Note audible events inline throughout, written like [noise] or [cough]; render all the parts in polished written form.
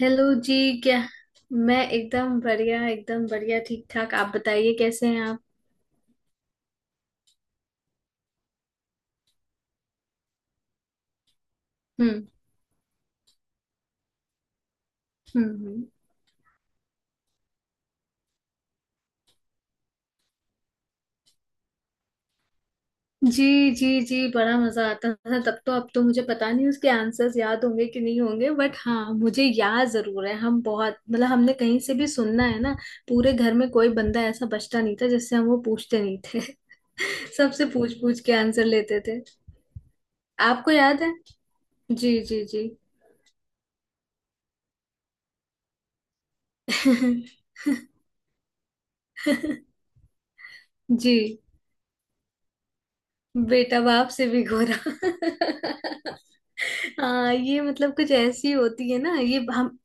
Hello जी। क्या? मैं एकदम बढ़िया, एकदम बढ़िया, ठीक ठाक। आप बताइए, कैसे हैं आप? हम्म हम्म हम्म। जी जी जी, बड़ा मजा आता था तब तो। अब तो मुझे पता नहीं उसके आंसर्स याद होंगे कि नहीं होंगे, बट हाँ मुझे याद जरूर है। हम बहुत, मतलब हमने कहीं से भी सुनना है ना, पूरे घर में कोई बंदा ऐसा बचता नहीं था जिससे हम वो पूछते नहीं थे। [laughs] सबसे पूछ पूछ के आंसर लेते थे। आपको याद है? जी जी जी। [laughs] जी। बेटा बाप से भी गोरा। [laughs] हाँ ये मतलब कुछ ऐसी होती है ना ये हम।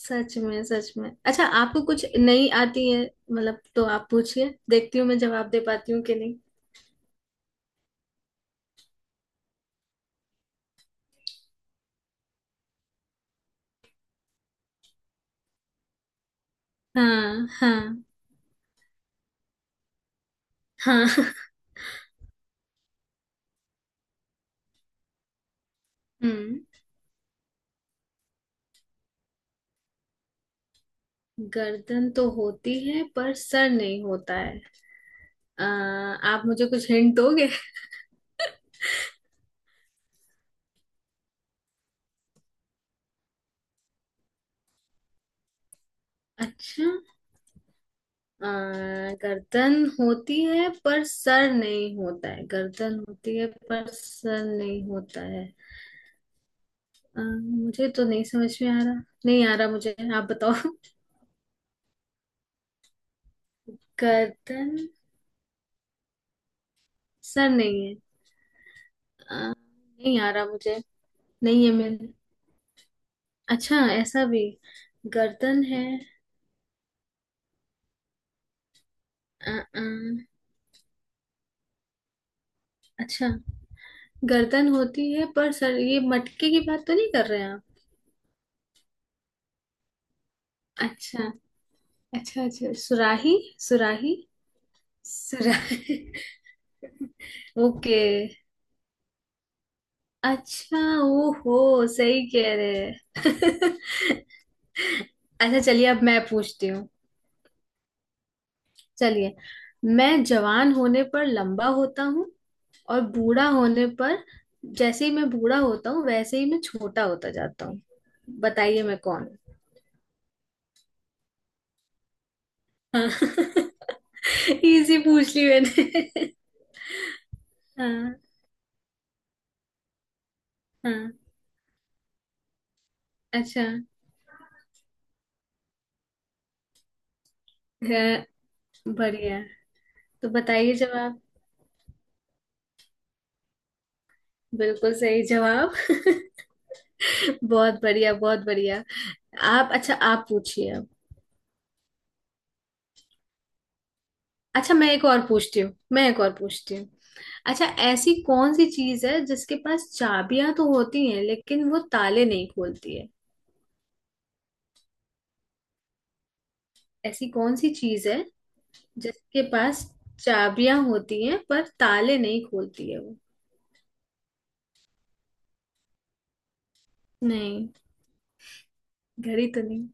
सच में, सच में। अच्छा आपको कुछ नई आती है? मतलब तो आप पूछिए, देखती हूँ मैं जवाब दे पाती हूँ कि नहीं। हाँ हाँ। हाँ। [laughs] हम्म। गर्दन तो होती है पर सर नहीं होता है। आ, आप मुझे कुछ हिंट दोगे? अच्छा। आ, गर्दन होती है पर सर नहीं होता है, गर्दन होती है पर सर नहीं होता है। मुझे तो नहीं समझ में आ रहा। नहीं आ रहा मुझे, आप बताओ। [laughs] गर्दन। सर नहीं है। नहीं आ रहा मुझे। नहीं है मेरे। अच्छा ऐसा भी! गर्दन है। अ, अ, अच्छा। गर्दन होती है पर सर, ये मटके की बात तो नहीं कर रहे हैं आप? अच्छा। अच्छा अच्छा, सुराही। सुराही। सुराही। [laughs] ओके। अच्छा। ओहो, सही कह रहे हैं। [laughs] अच्छा चलिए अब मैं पूछती हूँ। चलिए। मैं जवान होने पर लंबा होता हूँ, और बूढ़ा होने पर, जैसे ही मैं बूढ़ा होता हूँ वैसे ही मैं छोटा होता जाता हूँ। बताइए मैं कौन हूँ? हाँ। [laughs] इजी पूछ ली मैंने। हाँ। हाँ। अच्छा। हाँ, बढ़िया। तो बताइए जवाब। बिल्कुल सही जवाब। [laughs] बहुत बढ़िया, बहुत बढ़िया। आप, अच्छा आप पूछिए अब। अच्छा मैं एक और पूछती हूँ, मैं एक और पूछती हूँ। अच्छा। ऐसी कौन सी चीज है जिसके पास चाबियां तो होती हैं लेकिन वो ताले नहीं खोलती है? ऐसी कौन सी चीज है जिसके पास चाबियां होती हैं पर ताले नहीं खोलती है वो? नहीं। घड़ी तो नहीं।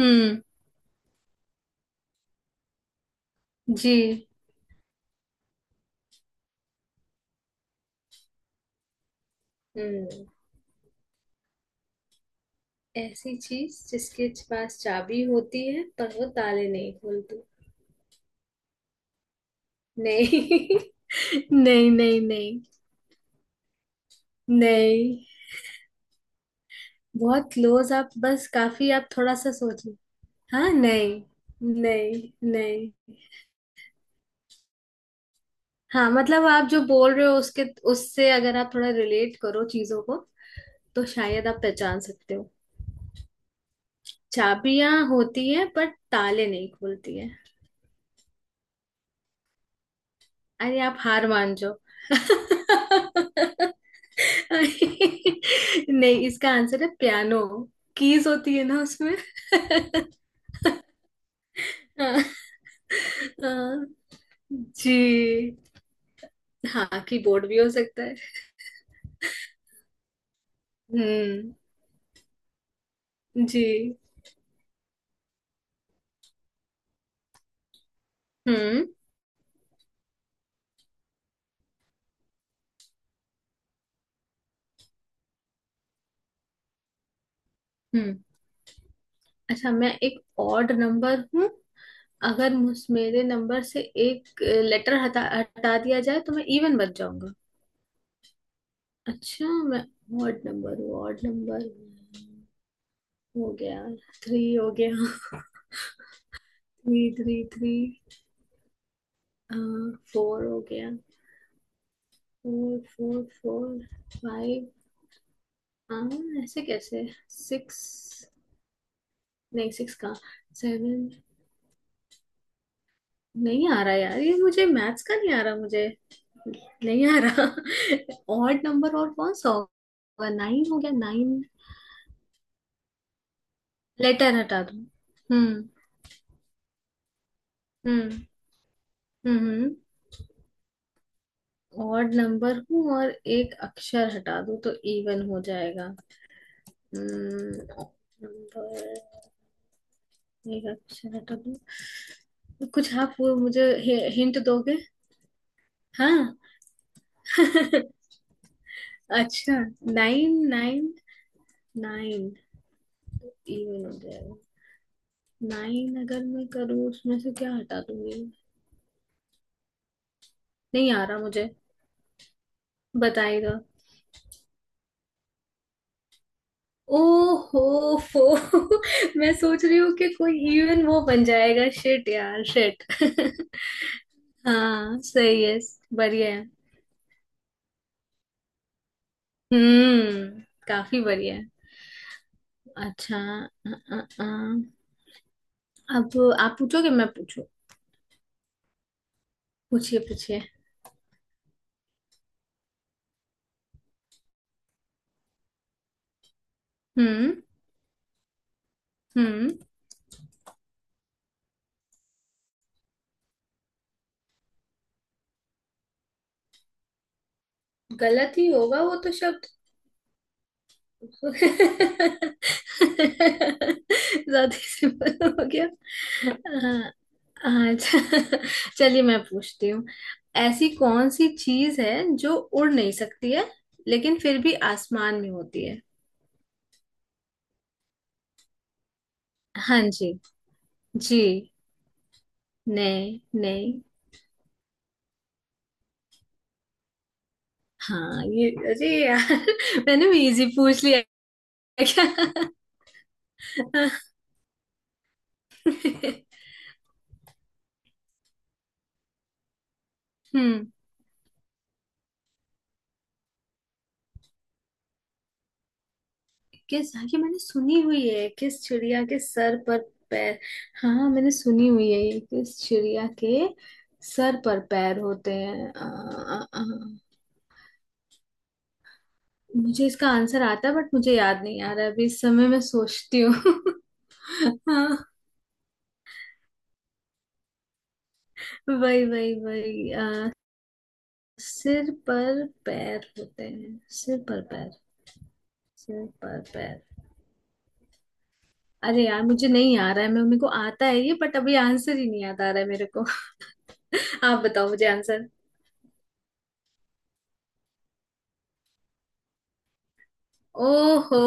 हम्म। जी। हम्म। ऐसी चीज जिसके पास चाबी होती है पर वो ताले नहीं खोलती। नहीं। [laughs] नहीं नहीं नहीं। नहीं। बहुत क्लोज आप, बस काफी, आप थोड़ा सा सोच। हाँ नहीं। नहीं नहीं। हाँ मतलब आप जो बोल रहे हो उसके, उससे अगर आप थोड़ा रिलेट करो चीजों को तो शायद आप पहचान सकते हो। चाबियां होती है बट ताले नहीं खोलती है। अरे आप हार मान जाओ। [laughs] अरे, नहीं इसका आंसर है पियानो। कीज होती है ना उसमें। [laughs] हाँ। हाँ, जी। हाँ कीबोर्ड भी हो सकता है। हम्म। जी। हम्म हम्म अच्छा। मैं एक ऑड नंबर हूँ। अगर मुझ, मेरे नंबर से एक लेटर हटा हटा दिया जाए तो मैं इवन बच जाऊंगा। अच्छा मैं ऑड नंबर हूँ, ऑड नंबर। हो गया। थ्री हो गया। Three three three. फोर हो गया। Four four four. फाइव। हाँ। ऐसे कैसे। सिक्स। नहीं सिक्स कहाँ। सेवन। नहीं आ रहा यार ये मुझे, मैथ्स का नहीं आ रहा मुझे। नहीं आ रहा। [laughs] ऑड नंबर और कौन सा होगा? नाइन हो गया, नाइन। लेटर हटा दो। हम्म हम्म हम्म ऑड नंबर हूँ और एक अक्षर हटा दो तो इवन हो जाएगा। हम्म। नंबर, एक अक्षर हटा दो। कुछ आप, वो मुझे हिंट दोगे? हाँ। [laughs] अच्छा। Nine nine. नाइन इवन हो जाएगा। नाइन अगर मैं करूँ उसमें से क्या हटा दूंगी? नहीं आ रहा मुझे। बताएगा। ओहो फो। [laughs] मैं सोच रही हूँ कि कोई इवन वो बन जाएगा। शिट यार शिट। [laughs] हाँ सही है। बढ़िया है। हम्म। काफी बढ़िया है। अच्छा। अ, अ, अ, अब आप पूछोगे मैं पूछू? पूछिए पूछिए। हम्म। हम्म। गलत ही होगा वो तो शब्द। [laughs] ज्यादा सिंपल हो गया। हाँ। हाँ, अच्छा। [laughs] चलिए मैं पूछती हूँ। ऐसी कौन सी चीज है जो उड़ नहीं सकती है लेकिन फिर भी आसमान में होती है? हाँ जी। जी। नहीं नहीं। हाँ ये, अरे यार। [laughs] मैंने भी इजी पूछ लिया। क्या। [laughs] हम्म। किस। हाँ, ये मैंने सुनी हुई है, किस चिड़िया के सर पर पैर। हाँ हाँ, मैंने सुनी हुई है ये, किस चिड़िया के सर पर पैर होते हैं। मुझे इसका आंसर आता है बट मुझे याद नहीं आ रहा है। अभी इस समय मैं सोचती हूँ। [laughs] हाँ। वही वही वही सिर पर पैर होते हैं, सिर पर पैर, सिर पर पैर। अरे यार मुझे नहीं आ रहा है, मैं मेरे को आता है ये बट अभी आंसर ही नहीं याद आ रहा है मेरे को। [laughs] आप बताओ मुझे आंसर। ओहो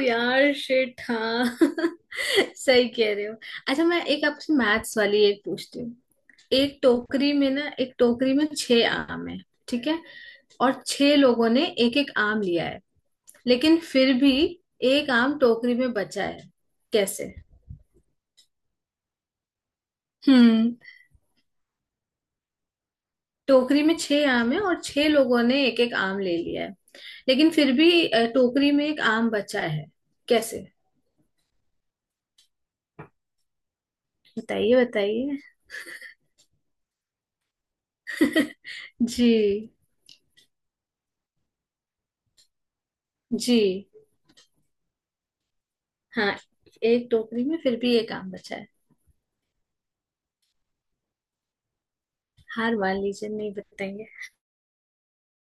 यार शिट। हाँ। [laughs] सही कह रहे हो। अच्छा मैं एक आपसे मैथ्स वाली एक पूछती हूँ। एक टोकरी में ना, एक टोकरी में 6 आम है। ठीक है। और छह लोगों ने एक एक आम लिया है। लेकिन फिर भी एक आम टोकरी में बचा है। कैसे? हम्म। टोकरी में छह आम है और 6 लोगों ने एक एक आम ले लिया है लेकिन फिर भी टोकरी में एक आम बचा है। कैसे? बताइए बताइए। [laughs] जी। जी। हाँ। एक टोकरी में फिर भी एक आम बचा है। हार मान लीजिए, नहीं बताएंगे।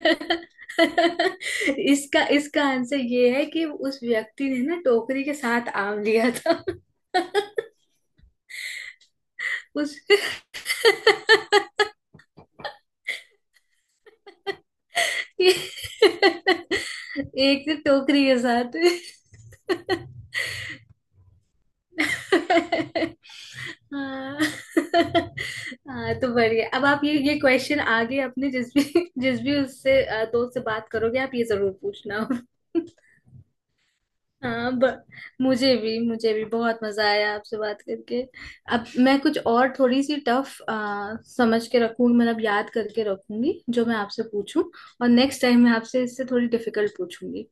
[laughs] इसका, इसका आंसर ये है कि उस व्यक्ति ने ना टोकरी के साथ आम लिया था। [laughs] उस। [laughs] एक तो टोकरी के साथ। [laughs] [laughs] हाँ। हाँ, तो बढ़िया, अब आप ये क्वेश्चन आगे अपने जिस भी, जिस भी उससे दोस्त से बात करोगे आप ये जरूर पूछना। [laughs] हाँ मुझे भी, मुझे भी बहुत मजा आया आपसे बात करके। अब मैं कुछ और थोड़ी सी टफ समझ के रखूंगी, मतलब याद करके रखूंगी जो मैं आपसे पूछूं। और नेक्स्ट टाइम मैं आपसे इससे थोड़ी डिफिकल्ट पूछूंगी।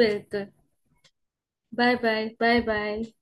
बिल्कुल। Bye bye. Bye bye.